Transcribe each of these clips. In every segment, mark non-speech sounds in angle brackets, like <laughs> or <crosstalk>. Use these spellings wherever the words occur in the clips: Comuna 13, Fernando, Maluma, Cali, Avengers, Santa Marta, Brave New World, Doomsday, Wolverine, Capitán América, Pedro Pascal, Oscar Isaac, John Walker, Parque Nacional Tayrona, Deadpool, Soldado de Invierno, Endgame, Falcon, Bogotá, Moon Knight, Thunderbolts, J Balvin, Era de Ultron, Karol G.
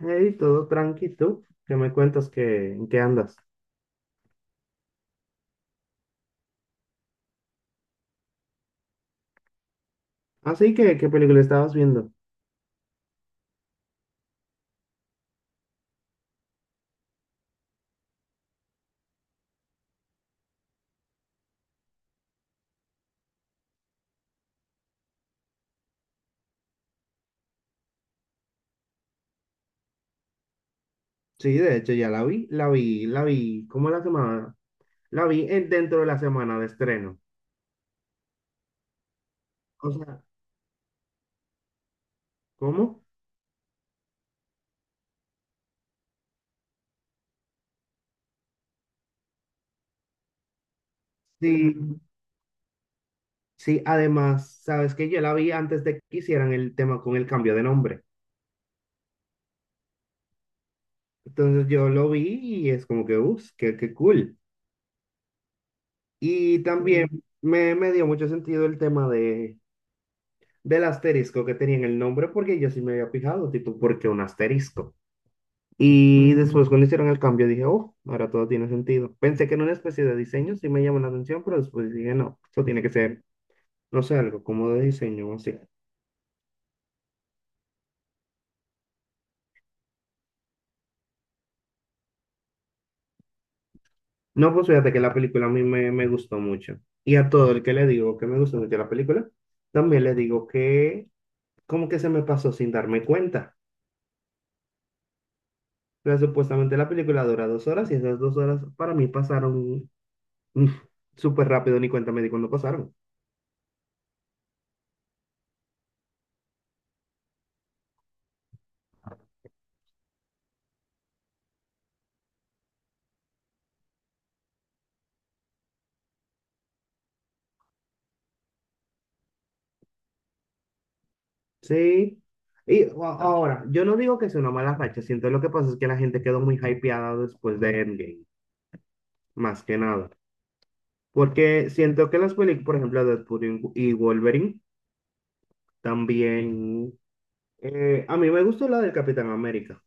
Hey, todo tranqui, ¿tú? ¿Qué me cuentas que en qué andas? Así que, ¿qué película estabas viendo? Sí, de hecho ya la vi, ¿cómo la semana? La vi dentro de la semana de estreno. O sea, ¿cómo? Sí, sí, además, sabes que yo la vi antes de que hicieran el tema con el cambio de nombre. Entonces yo lo vi y es como que, uff, qué cool. Y también Ujú. Me dio mucho sentido el tema del asterisco que tenía en el nombre porque yo sí me había fijado, tipo, ¿por qué un asterisco? Y después cuando hicieron el cambio dije, oh, ahora todo tiene sentido. Pensé que en una especie de diseño sí me llamó la atención, pero después dije, no, esto tiene que ser, no sé, algo como de diseño o así. No, pues fíjate que la película a mí me gustó mucho. Y a todo el que le digo que me gustó mucho la película, también le digo que como que se me pasó sin darme cuenta. Pero supuestamente la película dura dos horas y esas dos horas para mí pasaron mm, súper rápido, ni cuenta me di cuando pasaron. Sí. Y a- Ahora, yo no digo que sea una mala racha, siento lo que pasa es que la gente quedó muy hypeada después de Endgame, más que nada. Porque siento que las películas, por ejemplo, Deadpool y Wolverine, también... a mí me gustó la del Capitán América.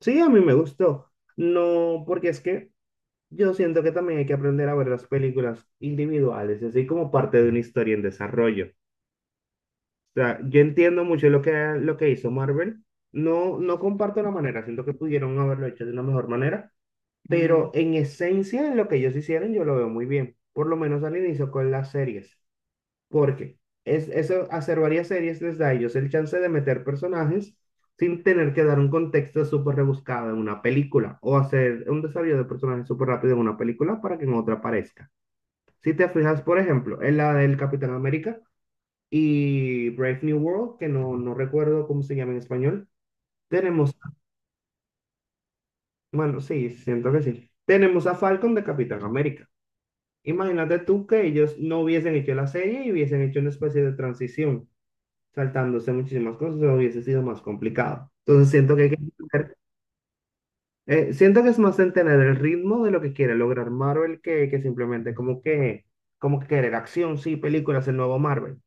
Sí, a mí me gustó. No, porque es que yo siento que también hay que aprender a ver las películas individuales, así como parte de una historia en desarrollo. O sea, yo entiendo mucho lo que hizo Marvel. No, no comparto la manera, siento que pudieron haberlo hecho de una mejor manera. Pero en esencia, en lo que ellos hicieron, yo lo veo muy bien, por lo menos al inicio con las series, porque eso, hacer varias series les da a ellos el chance de meter personajes sin tener que dar un contexto súper rebuscado en una película o hacer un desarrollo de personajes súper rápido en una película para que en otra aparezca. Si te fijas, por ejemplo, en la del Capitán América y Brave New World, que no recuerdo cómo se llama en español. Tenemos, bueno, sí, siento que sí. Tenemos a Falcon de Capitán América. Imagínate tú que ellos no hubiesen hecho la serie y hubiesen hecho una especie de transición, saltándose muchísimas cosas, o hubiese sido más complicado. Entonces siento que, hay que entender- siento que es más en tener el ritmo de lo que quiere lograr Marvel que simplemente como que querer acción, sí, películas, el nuevo Marvel.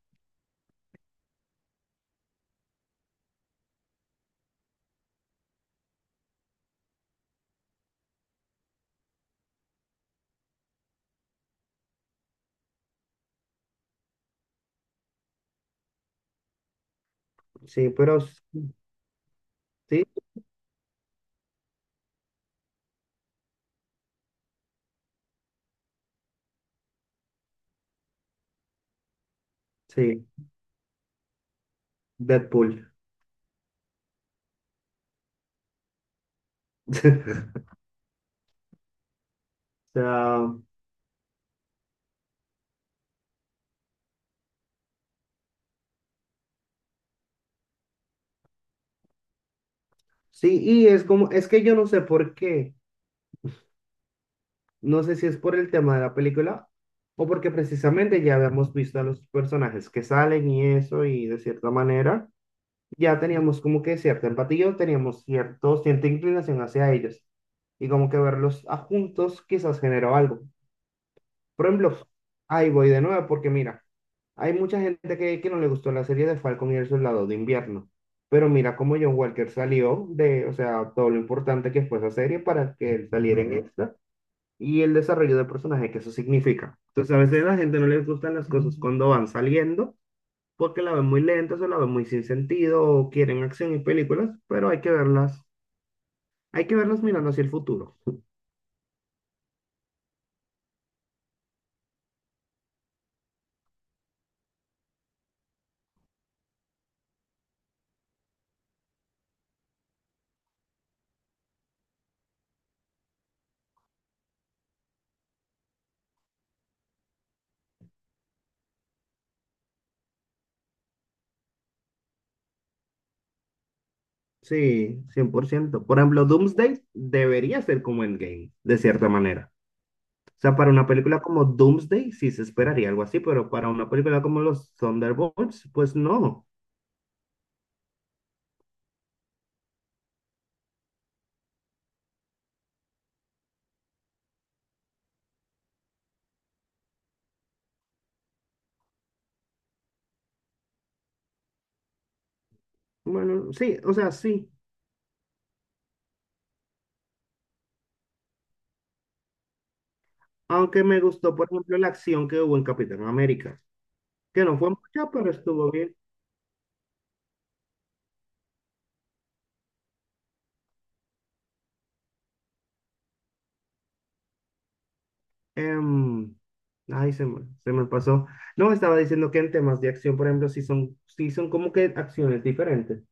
Sí, pero s- sí, sí, Deadpool. <laughs> sea, sí, y es como, es que yo no sé por qué, no sé si es por el tema de la película o porque precisamente ya habíamos visto a los personajes que salen y eso, y de cierta manera ya teníamos como que cierta empatía, o teníamos cierta inclinación hacia ellos, y como que verlos a juntos quizás generó algo. Por ejemplo, ahí voy de nuevo porque mira, hay mucha gente que no le gustó la serie de Falcon y el Soldado de Invierno, pero mira cómo John Walker salió de, o sea, todo lo importante que fue esa serie para que él saliera en esta y el desarrollo del personaje que eso significa. Entonces a veces a la gente no les gustan las cosas cuando van saliendo porque la ven muy lenta, o la ven muy sin sentido, o quieren acción y películas, pero hay que verlas mirando hacia el futuro. Sí, 100%. Por ciento. Por ejemplo, Doomsday debería ser como Endgame, de cierta manera. O sea, para una película como Doomsday sí se esperaría algo así, pero para una película como los Thunderbolts, pues no. Bueno, sí, o sea, sí. Aunque me gustó, por ejemplo, la acción que hubo en Capitán América, que no fue mucha, pero estuvo bien. Em, ay, se me pasó. No, estaba diciendo que en temas de acción, por ejemplo, sí son como que acciones diferentes.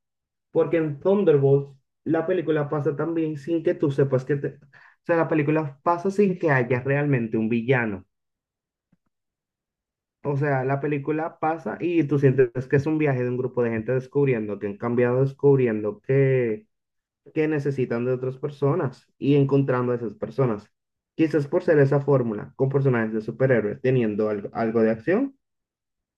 Porque en Thunderbolts la película pasa también sin que tú sepas que te... O sea, la película pasa sin que haya realmente un villano. O sea, la película pasa y tú sientes que es un viaje de un grupo de gente descubriendo que han cambiado, descubriendo que necesitan de otras personas y encontrando a esas personas. Quizás por ser esa fórmula, con personajes de superhéroes teniendo algo de acción,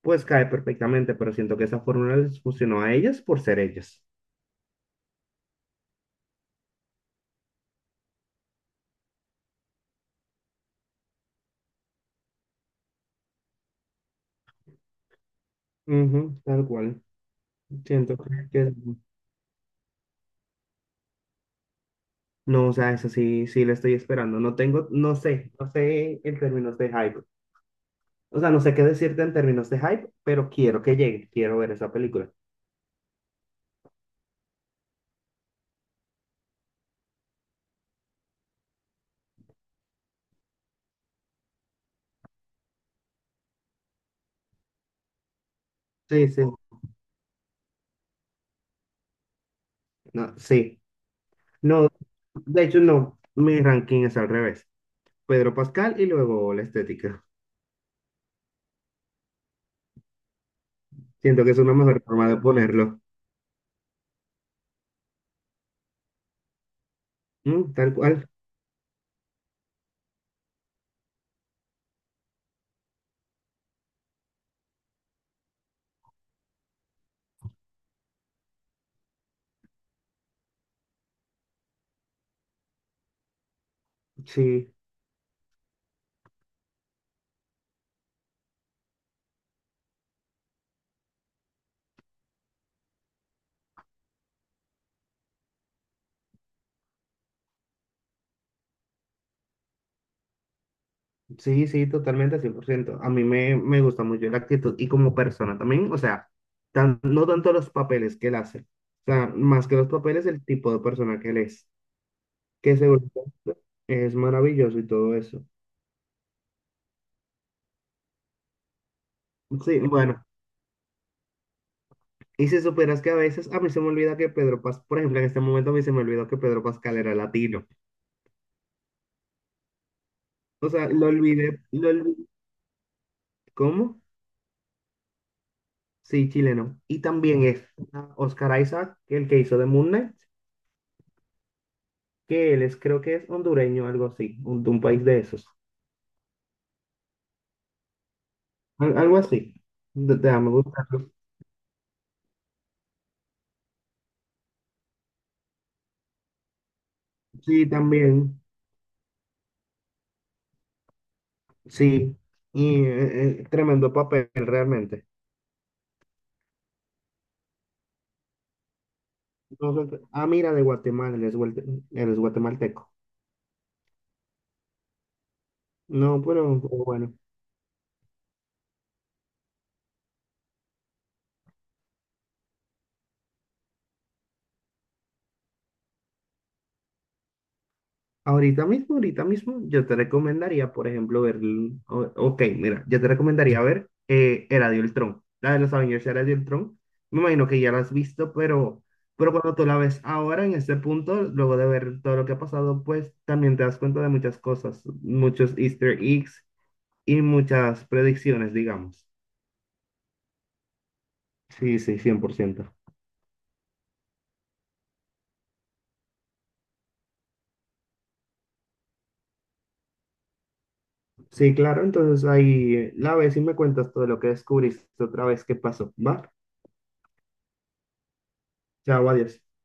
pues cae perfectamente, pero siento que esa fórmula les funcionó a ellas por ser ellas. Ujú, tal cual. Siento que... que- No, o sea, eso sí, sí lo estoy esperando. No tengo, no sé, no sé en términos de hype. O sea, no sé qué decirte en términos de hype, pero quiero que llegue, quiero ver esa película. Sí, sí, no, sí. No, de hecho, no, mi ranking es al revés. Pedro Pascal y luego la estética. Siento que es una mejor forma de ponerlo. Mm, tal cual, sí. Sí, sí, totalmente, 100%. A mí me gusta mucho la actitud y como persona también, o sea, no tanto los papeles que él hace, o sea, más que los papeles, el tipo de persona que él es, que seguro es maravilloso y todo eso. Sí, bueno, y si supieras que a veces a mí se me olvida que Pedro Pascal, por ejemplo, en este momento a mí se me olvidó que Pedro Pascal era latino, o sea, lo olvidé, lo olvidé. ¿Cómo? Sí, chileno. Y también es Oscar Isaac, el que hizo de Moon Knight. Que él es, creo que es hondureño, algo así, un, de un país de esos. Algo así. Déjame buscarlo. Sí, también, sí, y tremendo papel realmente. Entonces, ah, mira, de Guatemala, él es, él es guatemalteco. No, pero bueno. Ahorita mismo, yo te recomendaría, por ejemplo, ver, ok, mira, yo te recomendaría ver Era de Ultron, la de los Avengers Era de Ultron. Me imagino que ya la has visto, pero cuando tú la ves ahora, en este punto, luego de ver todo lo que ha pasado, pues también te das cuenta de muchas cosas, muchos Easter eggs y muchas predicciones, digamos. Sí, sí, 100%. Sí, claro, entonces ahí la ves y me cuentas todo lo que descubriste otra vez, qué pasó, ¿va? Chao, adiós.